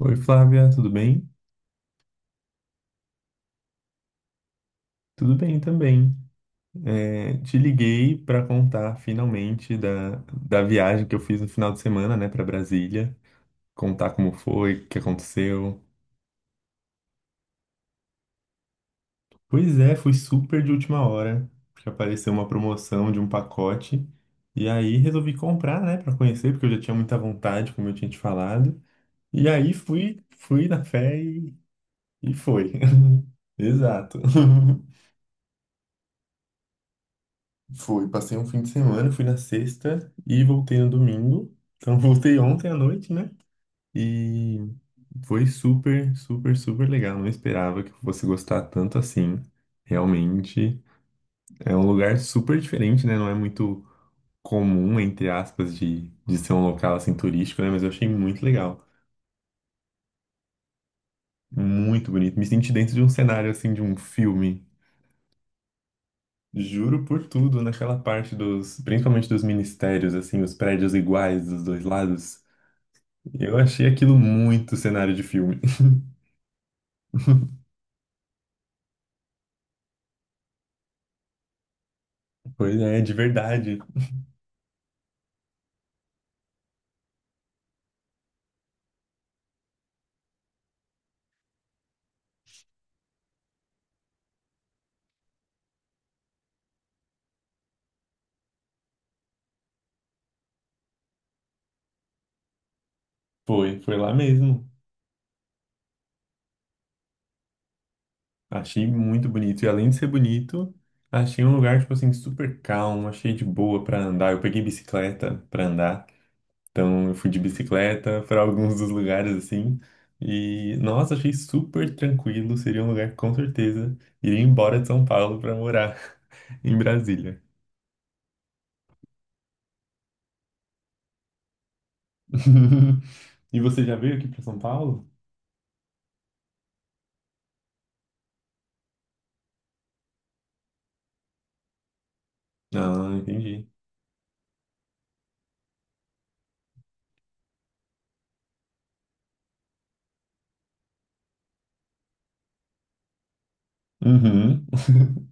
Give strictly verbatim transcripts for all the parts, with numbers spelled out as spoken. Oi, Flávia, tudo bem? Tudo bem também. É, te liguei para contar finalmente da, da viagem que eu fiz no final de semana, né, para Brasília. Contar como foi, o que aconteceu. Pois é, fui super de última hora, porque apareceu uma promoção de um pacote. E aí resolvi comprar, né, para conhecer, porque eu já tinha muita vontade, como eu tinha te falado. E aí fui, fui na fé e, e foi. Exato. Foi, passei um fim de semana, fui na sexta e voltei no domingo. Então voltei ontem à noite, né? E foi super, super, super legal. Não esperava que eu fosse gostar tanto assim. Realmente é um lugar super diferente, né? Não é muito comum, entre aspas, de, de ser um local assim turístico, né? Mas eu achei muito legal, muito bonito. Me senti dentro de um cenário assim de um filme. Juro por tudo, naquela parte dos, principalmente dos ministérios, assim, os prédios iguais dos dois lados. Eu achei aquilo muito cenário de filme. Pois é, de verdade. Foi, foi lá mesmo. Achei muito bonito. E além de ser bonito, achei um lugar, tipo assim, super calmo, achei de boa pra andar. Eu peguei bicicleta pra andar. Então eu fui de bicicleta pra alguns dos lugares assim. E, nossa, achei super tranquilo. Seria um lugar que com certeza iria embora de São Paulo pra morar em Brasília. E você já veio aqui pra São Paulo? Ah, entendi. Uhum.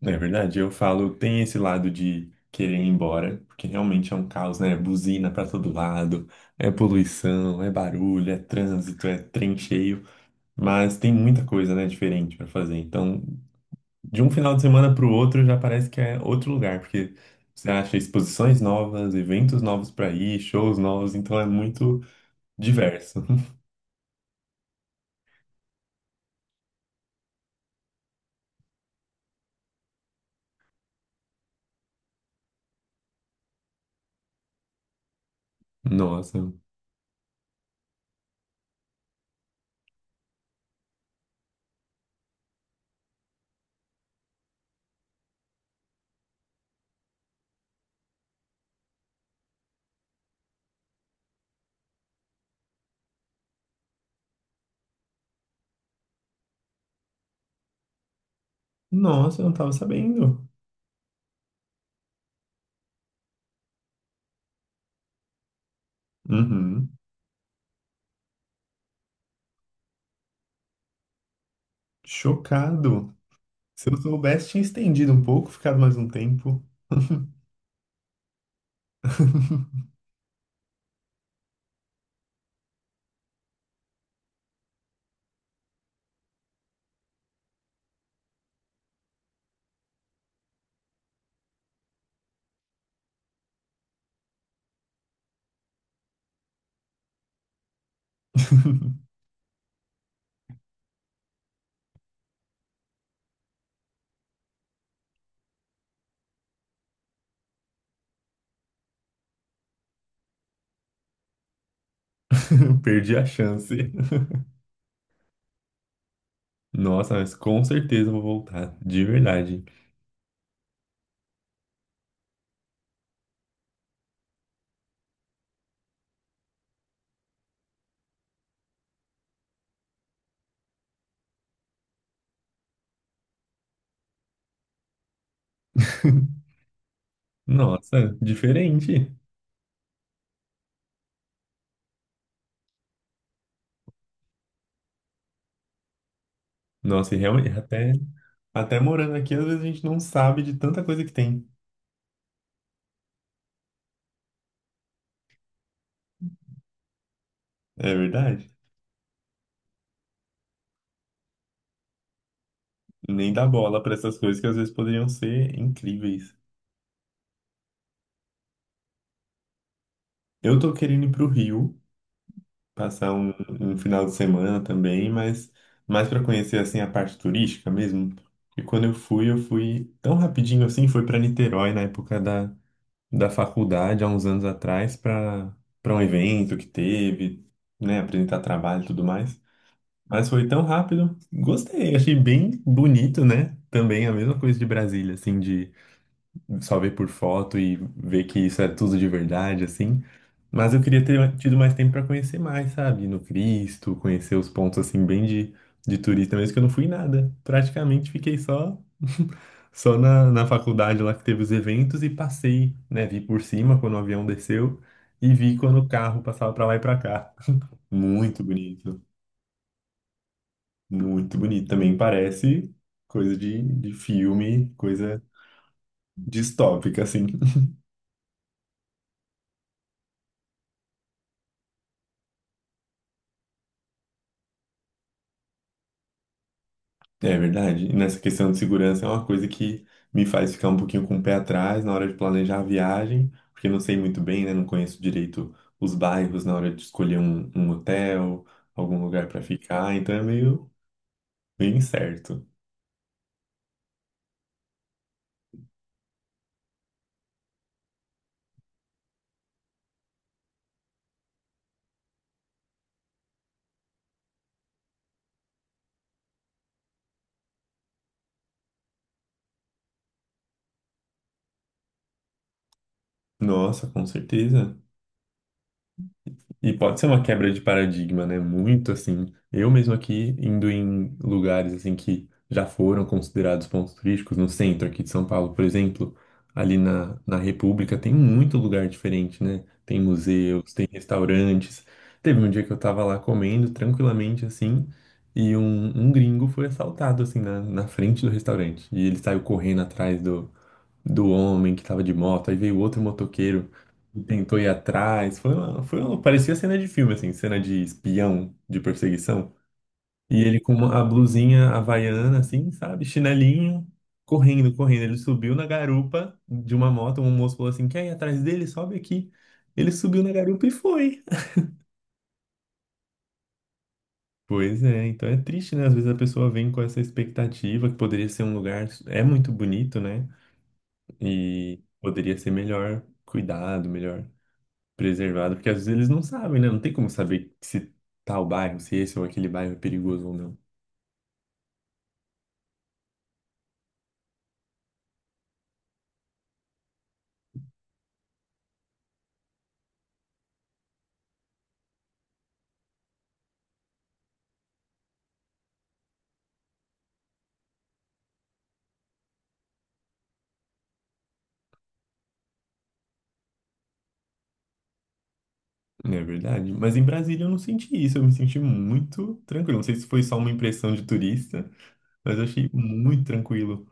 Não é verdade? Eu falo, tem esse lado de querer ir embora, porque realmente é um caos, né? Buzina pra todo lado, é poluição, é barulho, é trânsito, é trem cheio, mas tem muita coisa, né, diferente pra fazer. Então, de um final de semana pro outro já parece que é outro lugar, porque você acha exposições novas, eventos novos pra ir, shows novos, então é muito diverso. Nossa, nossa, eu não tava sabendo. Uhum. Chocado. Se eu soubesse, tinha estendido um pouco, ficado mais um tempo. Perdi a chance. Nossa, mas com certeza eu vou voltar, de verdade. Nossa, diferente. Nossa, e realmente, até, até morando aqui, às vezes a gente não sabe de tanta coisa que tem. É verdade. Nem dá bola para essas coisas que às vezes poderiam ser incríveis. Eu tô querendo ir pro Rio. Passar um, um final de semana também, mas mais para conhecer assim a parte turística mesmo. E quando eu fui, eu fui tão rapidinho assim, foi para Niterói na época da, da faculdade, há uns anos atrás, para para um evento que teve, né, apresentar trabalho e tudo mais. Mas foi tão rápido, gostei, achei bem bonito, né? Também a mesma coisa de Brasília, assim, de só ver por foto e ver que isso é tudo de verdade, assim. Mas eu queria ter tido mais tempo para conhecer mais, sabe? No Cristo, conhecer os pontos assim bem de, de turista mesmo, que eu não fui nada. Praticamente fiquei só só na, na faculdade lá que teve os eventos e passei, né? Vi por cima quando o avião desceu e vi quando o carro passava para lá e para cá. Muito bonito, muito bonito. Também parece coisa de, de filme, coisa distópica, assim. É verdade. E nessa questão de segurança é uma coisa que me faz ficar um pouquinho com o pé atrás na hora de planejar a viagem, porque não sei muito bem, né? Não conheço direito os bairros na hora de escolher um, um hotel, algum lugar para ficar, então é meio, meio incerto. Nossa, com certeza. E pode ser uma quebra de paradigma, né? Muito assim. Eu mesmo aqui indo em lugares assim que já foram considerados pontos turísticos no centro aqui de São Paulo, por exemplo, ali na, na República tem muito lugar diferente, né? Tem museus, tem restaurantes. Teve um dia que eu tava lá comendo tranquilamente assim e um, um gringo foi assaltado assim na, na frente do restaurante e ele saiu correndo atrás do do homem que tava de moto, aí veio outro motoqueiro e tentou ir atrás. Foi uma, foi uma, parecia cena de filme, assim, cena de espião, de perseguição. E ele com uma, a blusinha havaiana, assim, sabe, chinelinho, correndo, correndo. Ele subiu na garupa de uma moto, um moço falou assim, quer ir atrás dele? Sobe aqui. Ele subiu na garupa e foi. Pois é, então é triste, né? Às vezes a pessoa vem com essa expectativa que poderia ser um lugar, é muito bonito, né? E poderia ser melhor cuidado, melhor preservado, porque às vezes eles não sabem, né? Não tem como saber se tal bairro, se esse é ou aquele bairro é perigoso ou não. Não é verdade? Mas em Brasília eu não senti isso, eu me senti muito tranquilo. Não sei se foi só uma impressão de turista, mas eu achei muito tranquilo.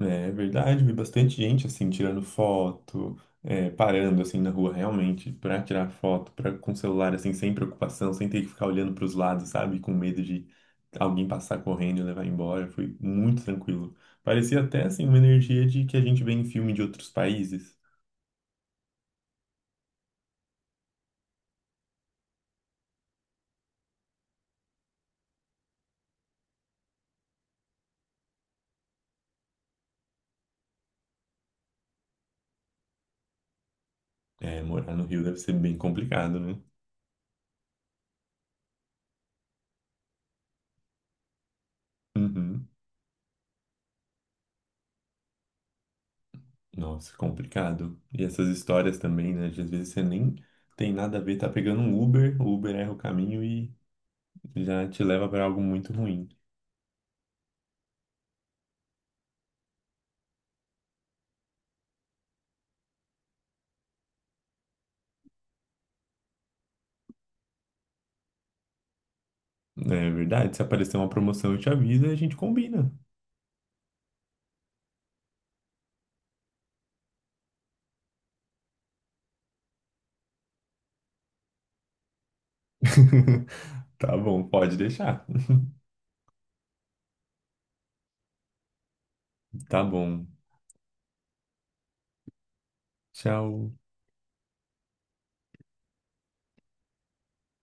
É verdade, vi bastante gente assim tirando foto, é, parando assim na rua realmente para tirar foto, para com o celular assim sem preocupação, sem ter que ficar olhando para os lados, sabe, com medo de alguém passar correndo e levar embora. Foi muito tranquilo. Parecia até assim uma energia de que a gente vê em filme de outros países. É, morar no Rio deve ser bem complicado, né? Uhum. Nossa, complicado. E essas histórias também, né? De às vezes você nem tem nada a ver, tá pegando um Uber, o Uber erra o caminho e já te leva para algo muito ruim. É verdade, se aparecer uma promoção, eu te aviso e a gente combina. Tá bom, pode deixar. Tá bom. Tchau.